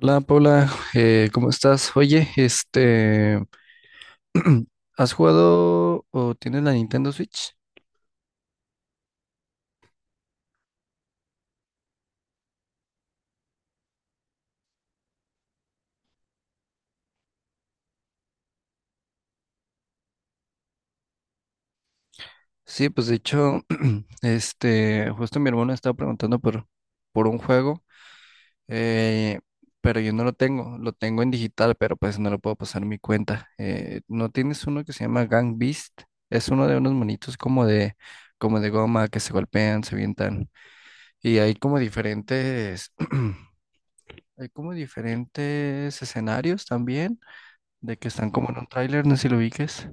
Hola Paula, ¿cómo estás? Oye, ¿has jugado o tienes la Nintendo Switch? Sí, pues de hecho, justo mi hermano estaba preguntando por un juego, eh, pero yo no lo tengo, lo tengo en digital, pero pues no lo puedo pasar en mi cuenta. ¿No tienes uno que se llama Gang Beast? Es uno de unos monitos como de goma que se golpean, se avientan. Y hay como diferentes Hay como diferentes escenarios también, de que están como en un tráiler, no sé si lo ubiques.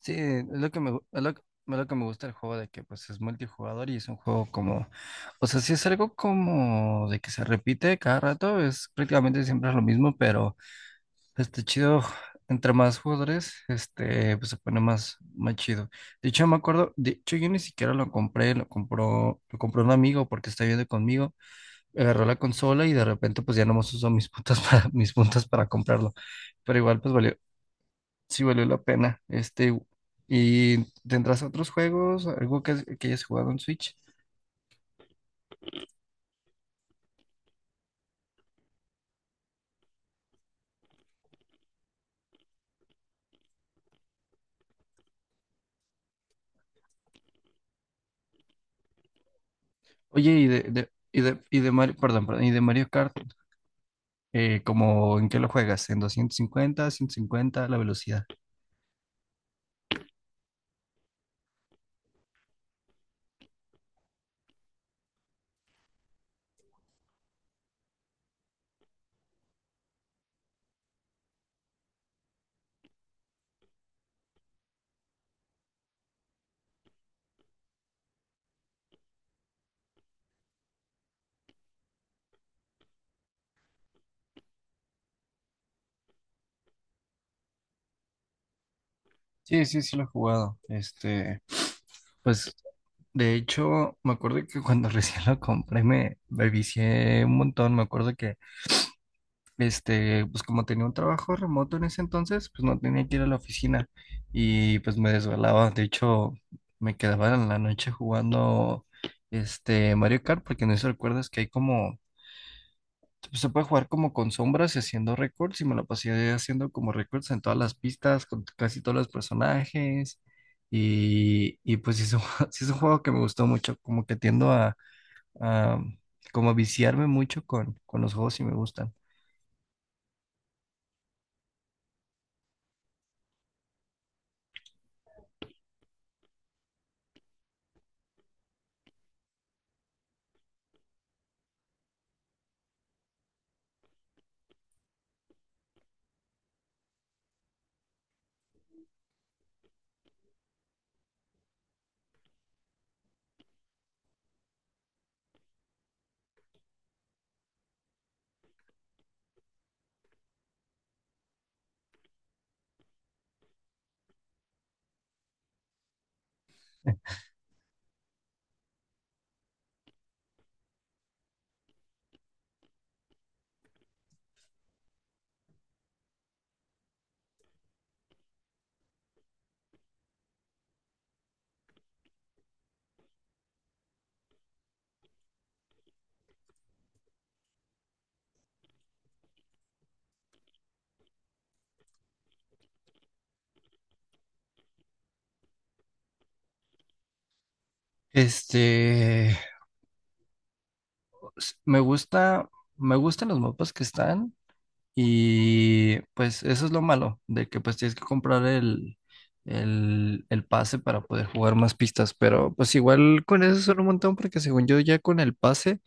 Sí, es lo que me gusta del juego, de que pues es multijugador y es un juego como, o sea, sí es algo como de que se repite cada rato, es prácticamente siempre lo mismo, pero chido, entre más jugadores, pues se pone más chido. De hecho, me acuerdo, de hecho yo ni siquiera lo compré, lo compró un amigo porque está viviendo conmigo. Agarró la consola y de repente pues ya nomás usó mis puntos para, mis puntos para comprarlo. Pero igual pues valió, sí valió la pena. ¿Y tendrás otros juegos? ¿Algo que hayas jugado en Switch? Oye, y de Mario, perdón, perdón, y de Mario Kart, ¿como en qué lo juegas? ¿En 250, 150, la velocidad? Sí, sí, sí lo he jugado. Pues de hecho, me acuerdo que cuando recién lo compré me vicié un montón. Me acuerdo que pues como tenía un trabajo remoto en ese entonces, pues no tenía que ir a la oficina y pues me desvelaba. De hecho, me quedaba en la noche jugando Mario Kart, porque no sé si recuerdas que hay como, pues, se puede jugar como con sombras y haciendo récords y me la pasé haciendo como récords en todas las pistas, con casi todos los personajes. Y pues sí es un juego que me gustó mucho, como que tiendo a como a viciarme mucho con los juegos y me gustan. Este, s- Me gusta, me gustan los mapas que están. Y pues eso es lo malo, de que pues tienes que comprar el pase para poder jugar más pistas, pero pues igual con eso son un montón porque según yo ya con el pase,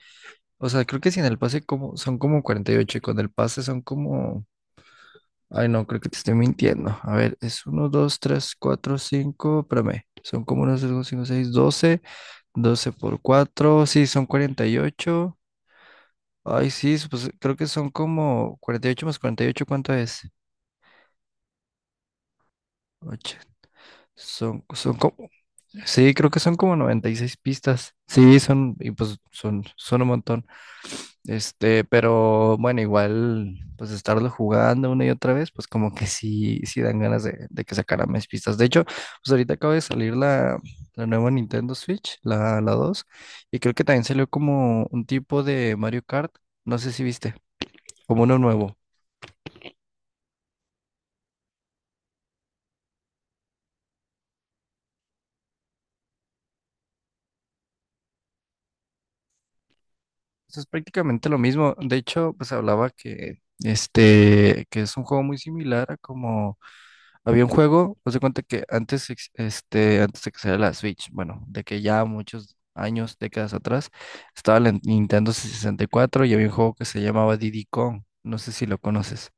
o sea, creo que sin el pase como, son como 48, y con el pase son como, ay no, creo que te estoy mintiendo. A ver, es uno, dos, tres, cuatro, cinco, espérame, son como 1, 2, cinco, seis, doce, 12 por cuatro, sí, son 48. Ay, sí, pues creo que son como 48 más 48, ¿cuánto es? Ocho. Son como, sí, creo que son como 96 pistas. Sí, son, y pues son un montón. Pero bueno, igual, pues estarlo jugando una y otra vez, pues como que sí, sí dan ganas de que sacaran más pistas. De hecho, pues ahorita acaba de salir la nueva Nintendo Switch, la 2, y creo que también salió como un tipo de Mario Kart, no sé si viste, como uno nuevo. Eso es prácticamente lo mismo. De hecho, pues hablaba que que es un juego muy similar a como había un juego, pues de cuenta que antes, antes de que saliera la Switch, bueno, de que ya muchos años, décadas atrás, estaba la Nintendo 64 y cuatro y había un juego que se llamaba Diddy Kong. No sé si lo conoces.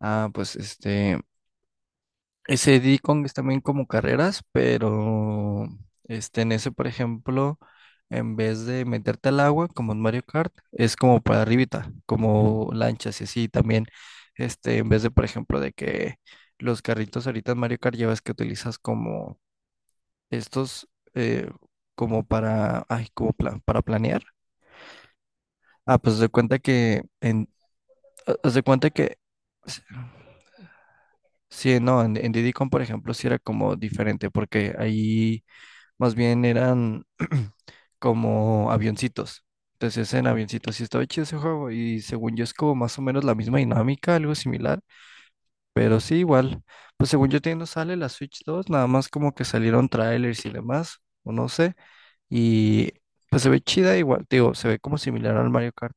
Ah, pues ese D-Kong es también como carreras, pero en ese, por ejemplo, en vez de meterte al agua, como en Mario Kart, es como para arribita, como lanchas y así también. En vez de, por ejemplo, de que los carritos ahorita en Mario Kart llevas que utilizas como estos, eh, como para, ay, para planear. Ah, pues haz de cuenta que, haz de cuenta que. Sí, no, en Diddy Kong, por ejemplo, sí era como diferente, porque ahí más bien eran como avioncitos. Entonces, en avioncitos sí estaba chido ese juego y según yo es como más o menos la misma dinámica, algo similar, pero sí igual. Pues según yo todavía no sale la Switch dos, nada más como que salieron trailers y demás, o no sé, y pues se ve chida igual, te digo, se ve como similar al Mario Kart.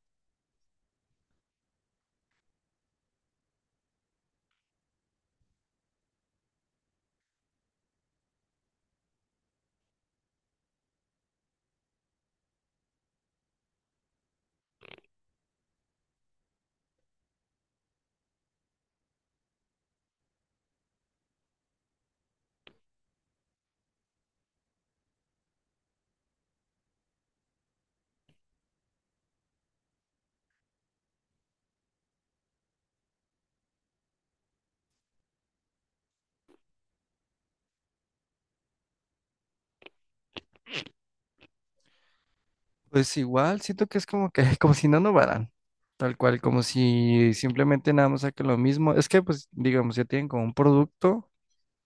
Pues igual, siento que es como que, como si no innovaran, tal cual, como si simplemente nada más saquen lo mismo. Es que pues digamos, ya tienen como un producto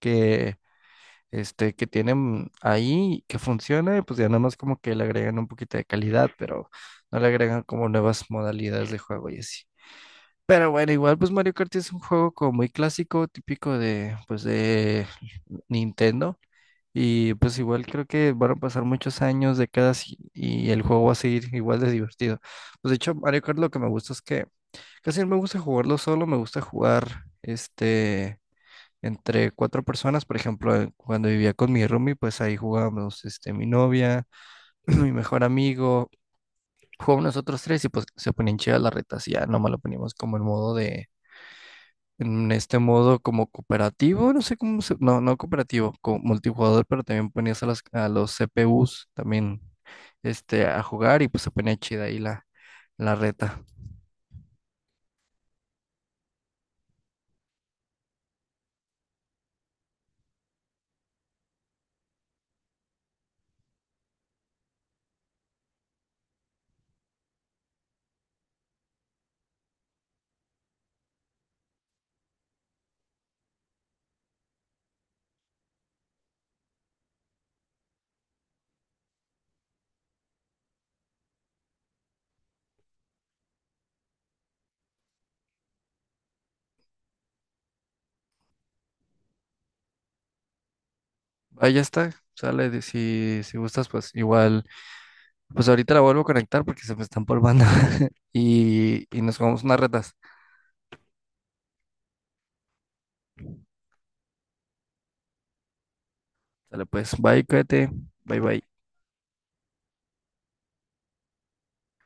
que que tienen ahí, que funciona, y pues ya nada más como que le agregan un poquito de calidad, pero no le agregan como nuevas modalidades de juego y así. Pero bueno, igual pues Mario Kart es un juego como muy clásico, típico de, pues de Nintendo. Y pues igual creo que van a pasar muchos años, décadas, y el juego va a seguir igual de divertido. Pues de hecho, Mario Kart lo que me gusta es que casi no me gusta jugarlo solo, me gusta jugar este entre cuatro personas, por ejemplo, cuando vivía con mi roomie, pues ahí jugábamos, mi novia, mi mejor amigo, jugábamos nosotros tres y pues se ponían chidas las retas y ya nomás lo poníamos como el modo de, en este modo como cooperativo, no sé cómo se, no, no cooperativo, como multijugador, pero también ponías a los CPUs también, a jugar y pues se ponía chida ahí la reta. Ahí ya está, sale, si gustas, pues igual. Pues ahorita la vuelvo a conectar porque se me está empolvando. Y nos jugamos unas retas. Dale, pues, bye, cuídate. Bye, bye.